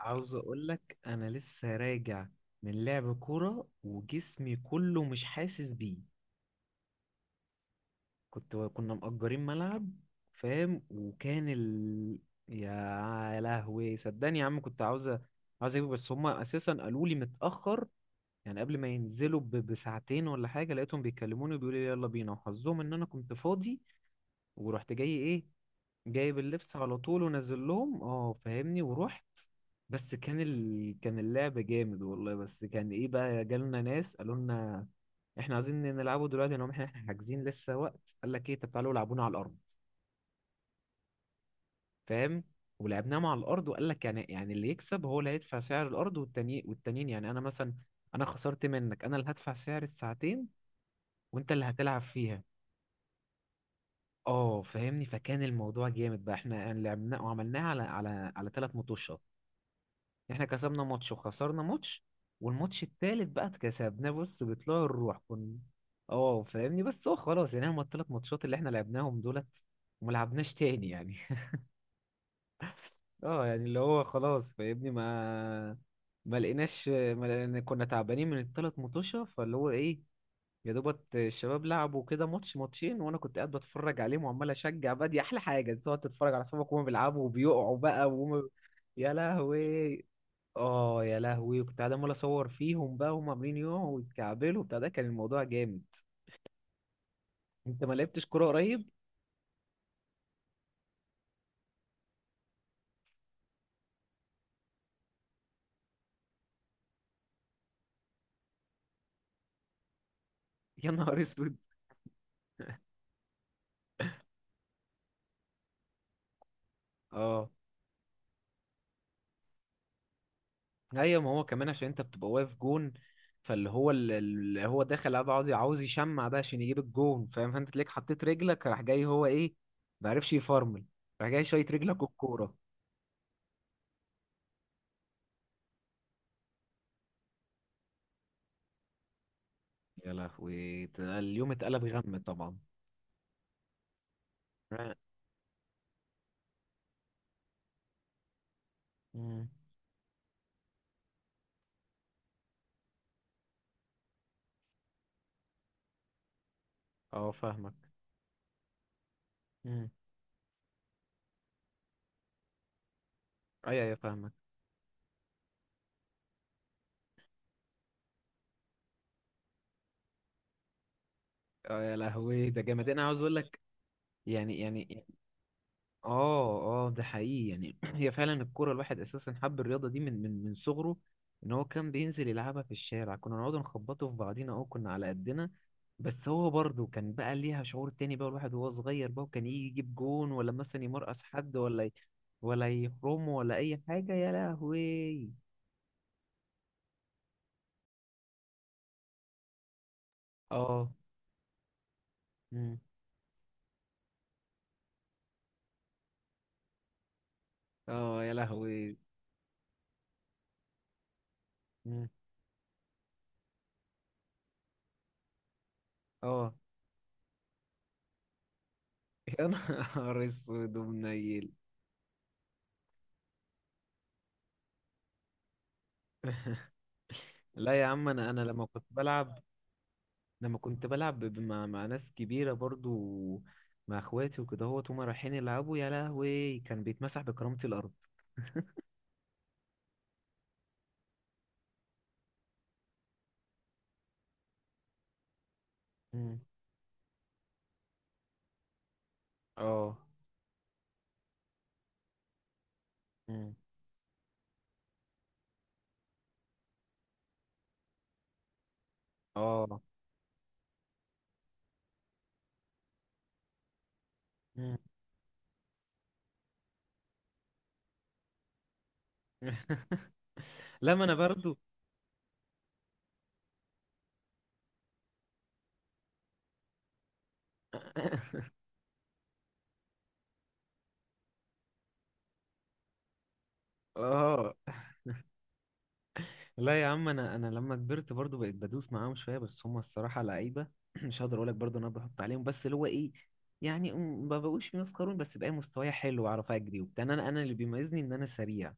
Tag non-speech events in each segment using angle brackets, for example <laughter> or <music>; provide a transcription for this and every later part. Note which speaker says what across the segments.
Speaker 1: عاوز اقول لك انا لسه راجع من لعب كوره وجسمي كله مش حاسس بيه. كنا مأجرين ملعب، فاهم، وكان ال... يا لهوي صدقني يا عم، كنت عاوز اجيبه، بس هما اساسا قالوا لي متأخر، يعني قبل ما ينزلوا ب... بساعتين ولا حاجه لقيتهم بيكلموني وبيقولوا لي يلا بينا، وحظهم ان انا كنت فاضي ورحت جاي ايه جايب اللبس على طول ونزل لهم، اه فاهمني، ورحت. بس كان ال... كان اللعب جامد والله، بس كان ايه بقى، جالنا ناس قالوا لنا احنا عايزين نلعبوا دلوقتي، لو احنا حاجزين لسه وقت، قال لك ايه طب تعالوا العبونا على الارض، فاهم. ولعبناهم على الارض وقال لك يعني اللي يكسب هو اللي هيدفع سعر الارض، والتاني والتانيين، يعني انا مثلا انا خسرت منك انا اللي هدفع سعر الساعتين وانت اللي هتلعب فيها. اه فاهمني، فكان الموضوع جامد بقى، احنا يعني لعبناه وعملناه على ثلاث مطوشات، احنا كسبنا ماتش وخسرنا ماتش والماتش التالت بقى اتكسبناه، بص بطلوع الروح كنا. اه فاهمني، بس هو خلاص يعني هما التلات ماتشات اللي احنا لعبناهم دولت، وما لعبناش تاني يعني. <laughs> اه يعني اللي هو خلاص فاهمني، ما لقينا، كنا تعبانين من التلات مطوشة، فاللي هو ايه، يا دوبت الشباب لعبوا كده ماتش ماتشين وانا كنت قاعد بتفرج عليهم وعمال اشجع بقى. دي احلى حاجة تقعد تتفرج على صحابك وهم بيلعبوا وبيقعوا بقى وهم، يا لهوي. اه يا لهوي، كنت قاعد عمال اصور فيهم بقى وهم عاملين يوم ويتكعبلوا بتاع، ده كان الموضوع جامد. انت ما لعبتش كوره قريب؟ <laughs> يا نهار اسود. اه، ايوه، ما هو كمان عشان انت بتبقى واقف جون، فاللي هو اللي هو داخل قاعد عاوز يشمع بقى عشان يجيب الجون، فاهم، فانت تلاقيك حطيت رجلك، راح جاي هو ايه، ما عرفش يفرمل، راح جاي شايط رجلك والكوره. يا لهوي، ده اليوم اتقلب غم طبعا. اه. مم. اه فاهمك. مم. ايوه ايوه فاهمك. اه يا لهوي ده جامد، انا عاوز اقول لك يعني يعني. اه اه ده حقيقي يعني <clears throat> هي فعلا الكوره، الواحد اساسا حب الرياضه دي من صغره، ان هو كان بينزل يلعبها في الشارع، كنا نقعد نخبطه في بعضينا، اه كنا على قدنا. بس هو برضه كان بقى ليها شعور تاني بقى الواحد وهو صغير بقى، وكان يجي يجيب جون، ولا مثلا يمرقص حد، ولا يحرمه ولا اي حاجه، يا لهوي. اه. مم. اه يا لهوي. مم. اه. <laughs> يا نهار اسود ومنيل. لا يا عم، انا لما كنت بلعب، لما كنت بلعب مع ناس كبيرة برضو، مع اخواتي وكده، هوت هما رايحين يلعبوا، يا لهوي، كان بيتمسح بكرامة الارض. مم. اه. مم. اه. مم. <laughs> لا ما انا برضو. <laughs> اه. لا يا عم، انا لما كبرت برضو بقيت بدوس معاهم شويه، بس هم الصراحه لعيبه. <clears throat> مش هقدر اقول لك برضو إن انا بحط عليهم، بس اللي هو ايه، يعني ما بقوش مسخرون، بس بقى مستواي حلو واعرف اجري وبتاع، انا انا اللي بيميزني ان انا سريع،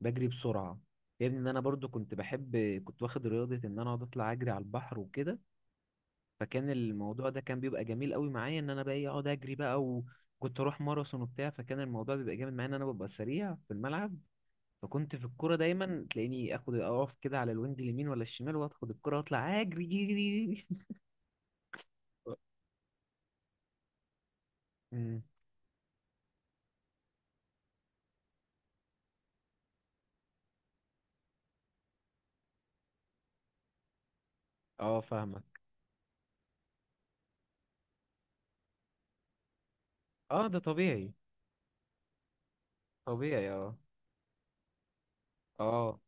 Speaker 1: بجري بسرعه. غير ان انا برضو كنت بحب، كنت واخد رياضه ان انا اقعد اطلع اجري على البحر وكده، فكان الموضوع ده كان بيبقى جميل قوي معايا ان انا بقى إيه اقعد اجري بقى، وكنت اروح ماراثون وبتاع، فكان الموضوع بيبقى جامد معايا ان انا ببقى سريع في الملعب. فكنت في الكوره دايما تلاقيني اخد اقف كده على الوينج اليمين ولا الشمال واخد الكوره واطلع اجري، <laughs> جري. <laughs> أمم. اه فاهمك. اه ده طبيعي. طبيعي اه. اه،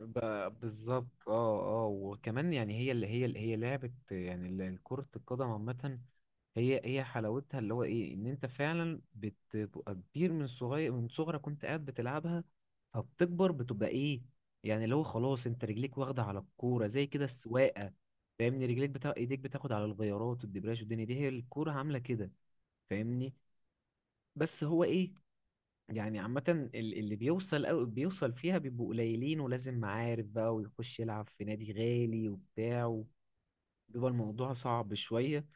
Speaker 1: ب- بالظبط، اه اه وكمان يعني هي اللي هي لعبة يعني ال- كرة القدم عامة، هي حلاوتها اللي هو ايه ان انت فعلا بتبقى كبير من صغير، من صغرك كنت قاعد بتلعبها فبتكبر بتبقى ايه، يعني اللي هو خلاص انت رجليك واخدة على الكورة زي كده السواقة، فاهمني، رجليك بتا... ايديك بتاخد على الغيارات والدبرياج، والدنيا دي هي الكورة عاملة كده، فاهمني. بس هو ايه، يعني عامة ال- اللي بيوصل أو بيوصل فيها بيبقوا قليلين، ولازم معارف بقى ويخش يلعب في نادي غالي وبتاع، بيبقى الموضوع صعب شوية،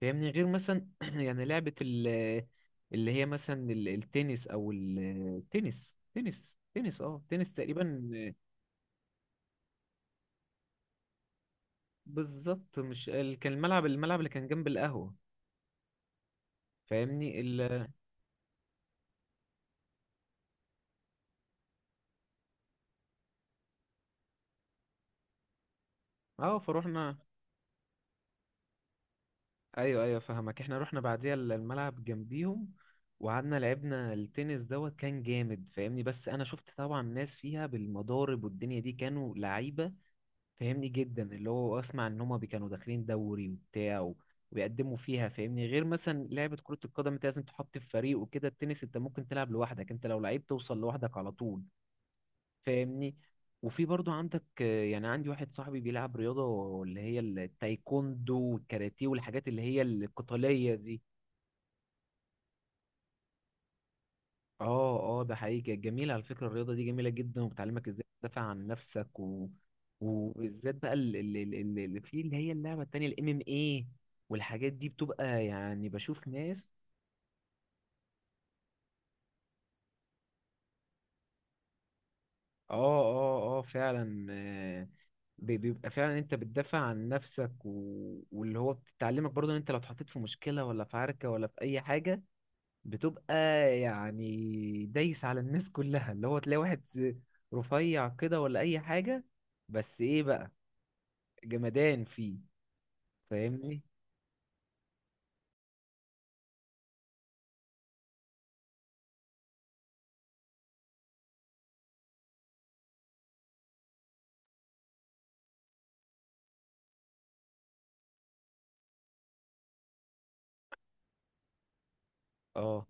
Speaker 1: فاهمني. غير مثلا <clears throat> يعني لعبة ال اللي هي مثلا ال- التنس أو ال- التنس تنس اه تنس تقريبا. بالظبط، مش ال- كان الملعب، الملعب اللي كان جنب القهوة، فاهمني ال. اه فروحنا. ايوه ايوه فهمك، احنا رحنا بعديها ال- الملعب جنبيهم، وقعدنا لعبنا التنس دوت، كان جامد فاهمني، بس انا شفت طبعا ناس فيها بالمضارب، والدنيا دي كانوا لعيبه فاهمني جدا، اللي هو اسمع ان هما كانوا داخلين دوري وبتاع ويقدموا فيها، فاهمني. غير مثلا لعبه كره القدم انت لازم تحط في فريق وكده، التنس انت ممكن تلعب لوحدك، انت لو لعيب توصل لوحدك على طول، فاهمني. وفي برضو عندك آه، يعني عندي واحد صاحبي بيلعب رياضة اللي هي التايكوندو والكاراتيه والحاجات اللي هي القتالية دي. اه اه ده حقيقي، كانت جميلة على فكرة، الرياضة دي جميلة جدا وبتعلمك ازاي تدافع عن نفسك و... وبالذات بقى اللي في اللي هي اللعبة التانية الام ام ايه، والحاجات دي بتبقى يعني بشوف ناس. اه اه اه فعلا آه، بيبقى فعلا انت بتدافع عن نفسك و... واللي هو بتتعلمك برضه ان انت لو اتحطيت في مشكلة ولا في عركة ولا في اي حاجة، بتبقى يعني دايس على الناس كلها، اللي هو تلاقي واحد رفيع كده ولا اي حاجة، بس ايه بقى، جمدان فيه، فاهمني. اه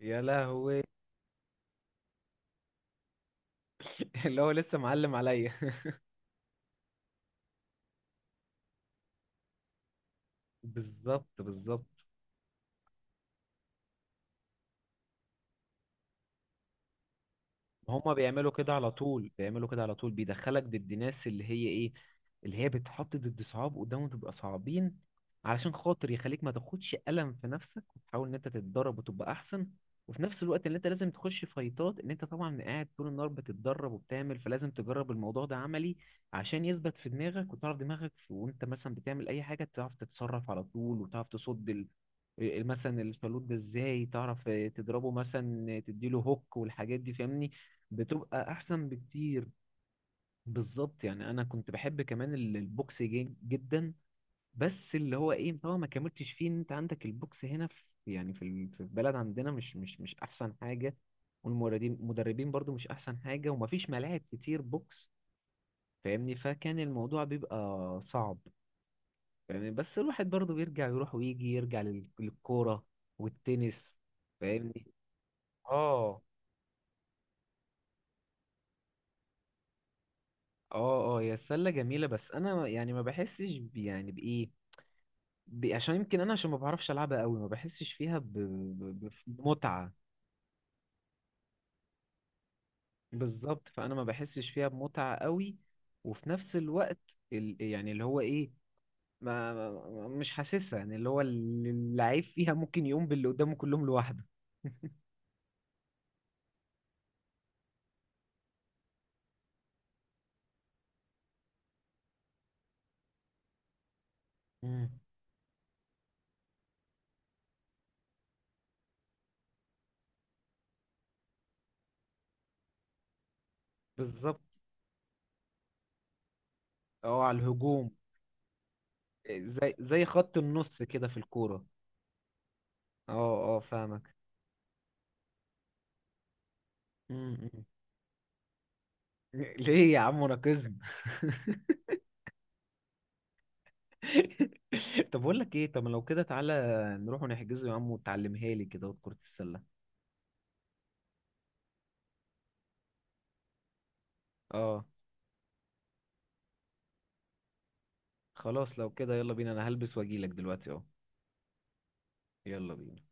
Speaker 1: يا لهوي. <laughs> اللي هو لسه معلم عليا. <laughs> بالظبط بالظبط. هما بيعملوا كده على طول، بيعملوا كده على طول، بيدخلك ضد ناس اللي هي ايه، اللي هي بتحط ضد صعاب قدامهم تبقى صعبين، علشان خاطر يخليك ما تاخدش ألم في نفسك وتحاول ان انت تتدرب وتبقى احسن. وفي نفس الوقت اللي انت لازم تخش فايتات ان انت طبعا قاعد طول النهار بتتدرب وبتعمل، فلازم تجرب الموضوع ده عملي عشان يثبت في دماغك وتعرف دماغك، وانت مثلا بتعمل اي حاجة تعرف تتصرف على طول وتعرف تصد إيه، مثلا الشالوت ده ازاي تعرف تضربه، مثلا تديله هوك والحاجات دي، فاهمني، بتبقى احسن بكتير. بالظبط، يعني انا كنت بحب كمان ال- البوكس جدا، بس اللي هو ايه طبعا ما كملتش فيه، ان انت عندك البوكس هنا في يعني في ال- في البلد عندنا مش احسن حاجة، والمدربين مدربين برضو مش احسن حاجة، ومفيش ملاعب كتير بوكس، فاهمني، فكان الموضوع بيبقى صعب. يعني بس الواحد برضه بيرجع يروح ويجي يرجع لل- للكورة والتنس، فاهمني. اه اه هي السلة جميلة بس انا يعني ما بحسش يعني بايه، ب- عشان يمكن انا عشان ما بعرفش العبها قوي ما بحسش فيها بمتعة. بالظبط، فانا ما بحسش فيها بمتعة قوي. وفي نفس الوقت ال... يعني اللي هو ايه، مش حاسسها، يعني اللي هو ال- اللعيب فيها ممكن يقوم باللي قدامه كلهم لوحده. <laughs> مم. بالظبط اه على الهجوم. زي زي خط النص كده في الكورة. اه اه فاهمك. م- م. <laughs> ليه يا عم راكزم. <laughs> طب اقول لك ايه، طب لو كده تعالى نروح ونحجزه يا عم وتعلمها لي كده كرة السلة. اه خلاص لو كده يلا بينا، انا هلبس واجيلك دلوقتي اهو. يلا بينا.